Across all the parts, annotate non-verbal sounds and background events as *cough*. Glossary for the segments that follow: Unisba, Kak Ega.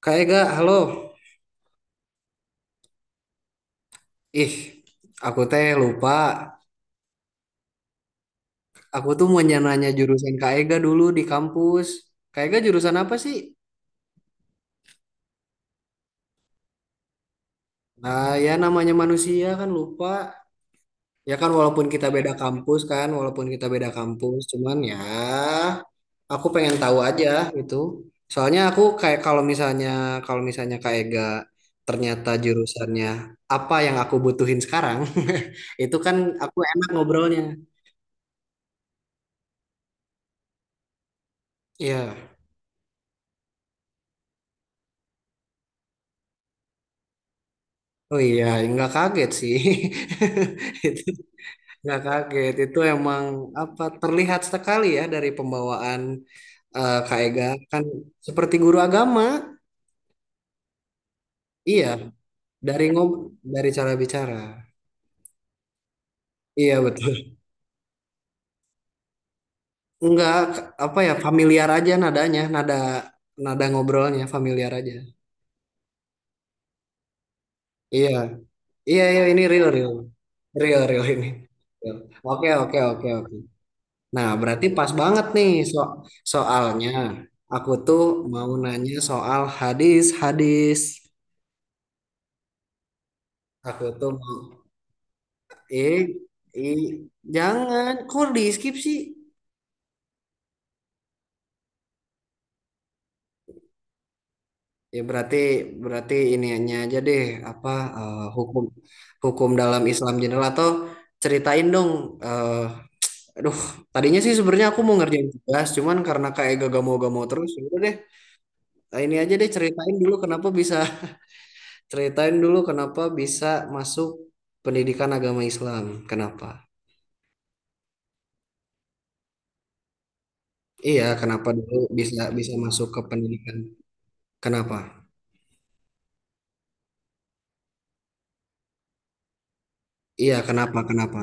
Kak Ega, halo. Ih, aku teh lupa. Aku tuh mau nanya jurusan Kak Ega dulu di kampus. Kak Ega jurusan apa sih? Nah, ya namanya manusia kan lupa. Ya kan walaupun kita beda kampus kan, walaupun kita beda kampus, cuman ya aku pengen tahu aja gitu. Soalnya aku kayak kalau misalnya Kak Ega ternyata jurusannya apa yang aku butuhin sekarang, *laughs* itu kan aku enak ngobrolnya. Iya. Oh iya, nggak kaget sih. *laughs* Itu nggak kaget. Itu emang apa terlihat sekali ya dari pembawaan Kak Ega kan seperti guru agama. Iya, dari ngob dari cara bicara. Iya betul. Nggak apa ya familiar aja nadanya, nada nada ngobrolnya familiar aja. Iya, iya, iya ini real real, real real ini. Real. Oke oke oke oke. Nah, berarti pas banget nih soalnya aku tuh mau nanya soal hadis-hadis. Aku tuh mau eh, eh jangan kok di skip sih. Ya berarti berarti iniannya aja deh apa hukum hukum dalam Islam general atau ceritain dong. eh Aduh, tadinya sih sebenarnya aku mau ngerjain tugas, cuman karena kayak gak mau terus, ya udah deh. Nah, ini aja deh ceritain dulu kenapa bisa masuk pendidikan agama Islam. Kenapa? Iya, kenapa dulu bisa bisa masuk ke pendidikan? Kenapa? Iya, kenapa? Kenapa?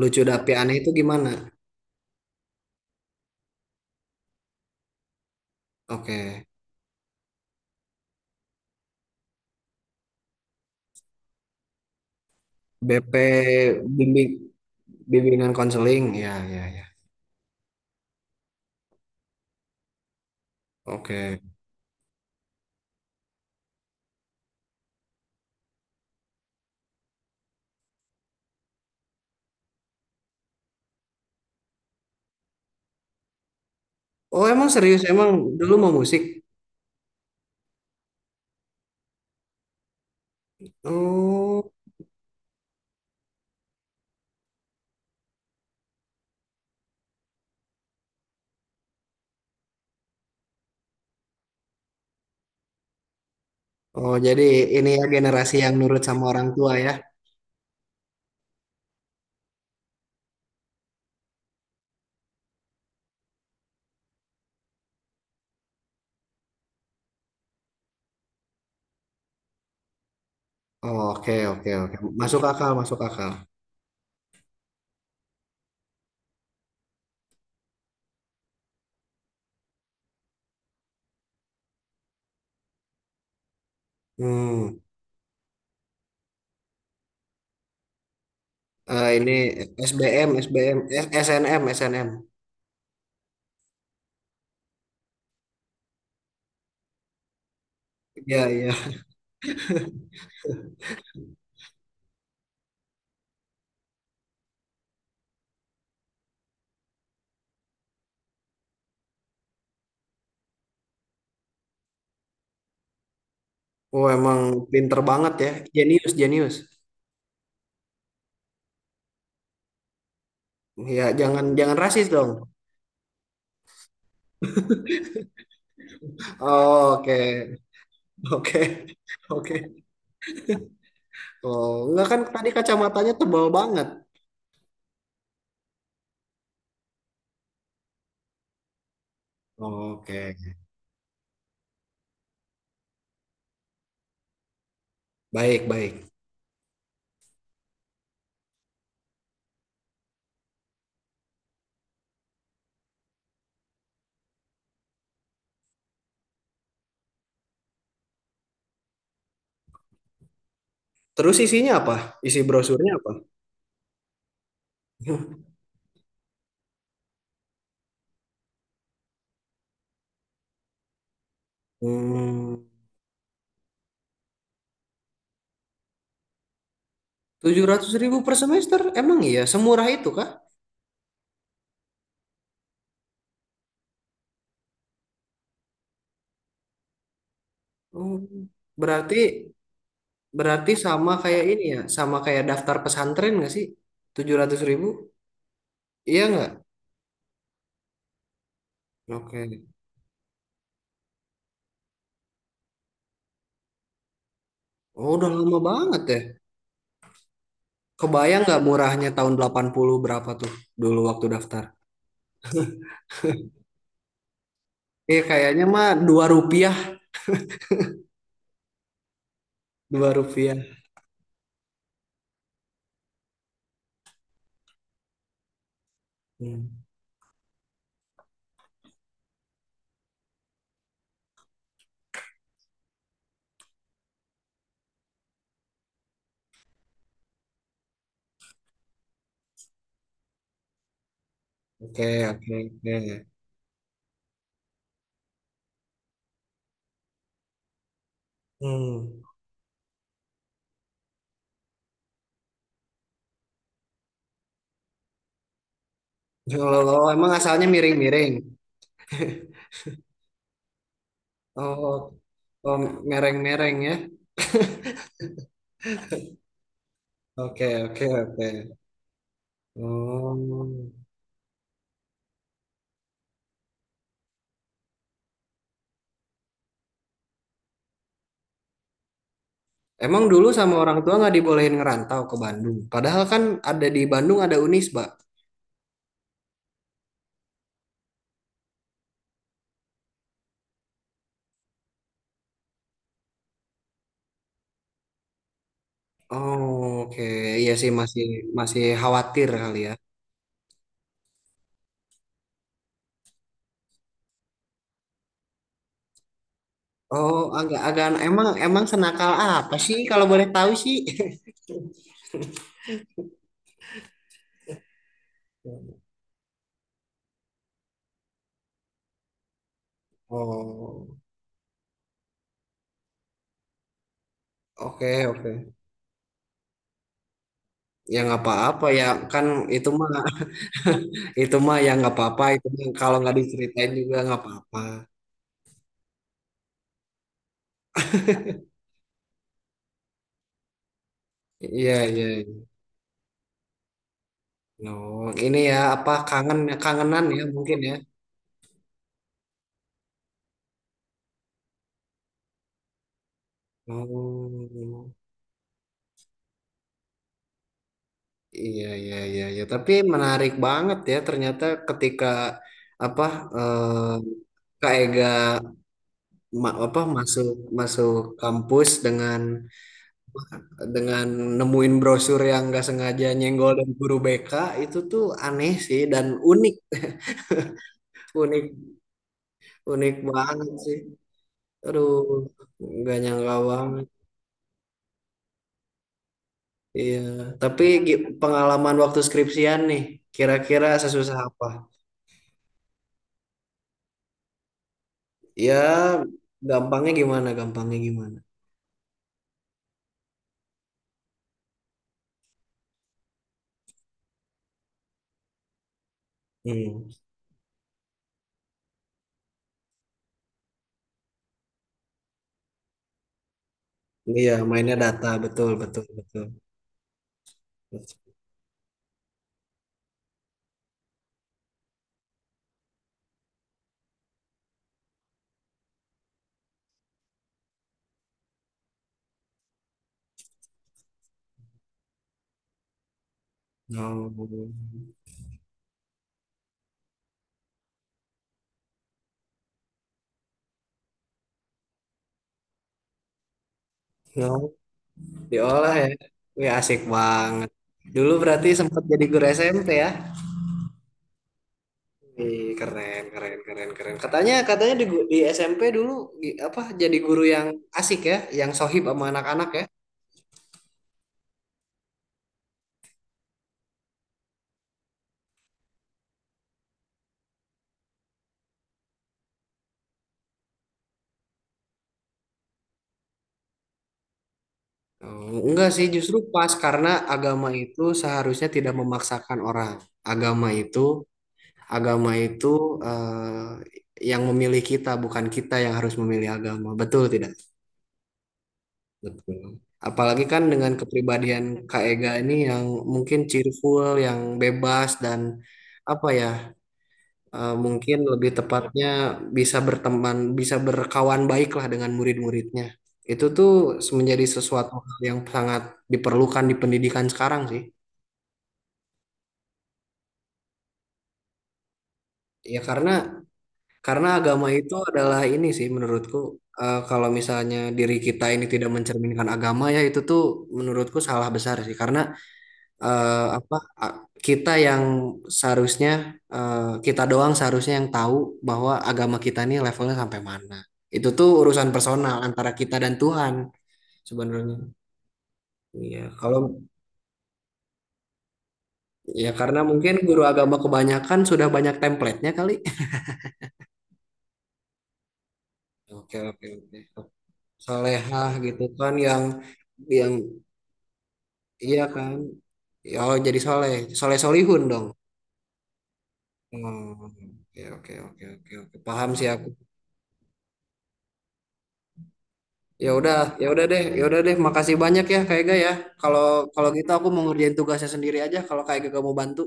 Lucu dapi aneh itu gimana? Oke. BP bimbing bimbingan konseling. Ya, ya, ya. Oke. Oh, emang serius emang dulu mau musik? Oh. Oh, jadi ini ya generasi yang nurut sama orang tua ya. Oh, oke, oke, oke. Masuk akal, masuk akal. Hmm. Ini SBM, SBM, SNM, SNM. Ya, ya. Oh, emang pinter banget ya. Jenius, jenius. Ya, jangan jangan rasis dong. Oh, oke. *laughs* Oke. Oke. Oh, enggak kan tadi kacamatanya tebal banget. Oke. Baik, baik. Terus isinya apa? Isi brosurnya apa? *laughs* Hmm, 700.000 per semester? Emang iya? Semurah itu kah? Oh, berarti Berarti sama kayak ini ya, sama kayak daftar pesantren nggak sih? 700.000? Iya nggak? Oke. Oh, udah lama banget ya. Kebayang nggak murahnya tahun 80 berapa tuh dulu waktu daftar? Kayaknya mah Rp2, Rp2. Hmm. Oke, oke, oke. Hmm. Kalau kalau emang asalnya miring-miring. *laughs* Oh, oh mereng-mereng ya. Oke, oke, oke. Oh. Emang dulu sama orang tua nggak dibolehin ngerantau ke Bandung. Padahal kan ada di Bandung ada Unisba. Oh, oke. Iya sih masih masih khawatir kali ya. Oh, agak-agak emang emang senakal apa sih kalau boleh tahu sih? *laughs* Oh, oke oke. Ya nggak apa-apa ya kan itu mah *laughs* itu mah ya nggak apa-apa. Itu mah kalau nggak diceritain juga nggak apa-apa. Iya iya. Iya. No, ini ya apa kangen kangenan ya mungkin ya. Oh. Iya, iya, iya, iya. Tapi menarik banget ya ternyata ketika apa eh, Kak Ega apa masuk masuk kampus dengan dengan nemuin brosur yang nggak sengaja nyenggol dan guru BK itu tuh aneh sih dan unik, unik, unik banget sih. Aduh, nggak nyangka banget. Iya. Tapi pengalaman waktu skripsian nih, kira-kira sesusah apa? Ya, gampangnya gimana? Gampangnya gimana? Hmm. Iya, mainnya data betul betul betul. No, no, diolah ya. Wih, asik banget. Dulu berarti sempat jadi guru SMP ya? Wih, keren, keren, keren, keren. Katanya, di SMP dulu apa jadi guru yang asik ya, yang sohib sama anak-anak ya? Oh, enggak sih, justru pas karena agama itu seharusnya tidak memaksakan orang. Agama itu, agama itu yang memilih kita, bukan kita yang harus memilih agama. Betul tidak? Betul. Apalagi kan dengan kepribadian Kak Ega ini yang mungkin cheerful, yang bebas dan apa ya, mungkin lebih tepatnya bisa berteman, bisa berkawan baik lah dengan murid-muridnya. Itu tuh menjadi sesuatu hal yang sangat diperlukan di pendidikan sekarang sih. Ya karena agama itu adalah ini sih menurutku kalau misalnya diri kita ini tidak mencerminkan agama ya itu tuh menurutku salah besar sih karena eh, apa a- kita yang seharusnya kita doang seharusnya yang tahu bahwa agama kita ini levelnya sampai mana. Itu tuh urusan personal antara kita dan Tuhan sebenarnya. Iya, ya karena mungkin guru agama kebanyakan sudah banyak template-nya kali. Oke, oke, oke. Solehah gitu kan yang iya kan. Ya, Oh, jadi soleh, soleh solihun dong. Hmm, oke, oke, oke, oke, oke. Paham sih aku. Ya udah, ya udah deh, ya udah deh. Makasih banyak ya, Kak Ega ya. Kalau kalau gitu aku mau ngerjain tugasnya sendiri aja. Kalau Kak Ega gak mau bantu,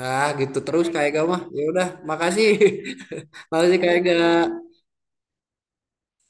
ah gitu terus Kak Ega mah. Ya udah, makasih, *laughs* makasih Kak Ega.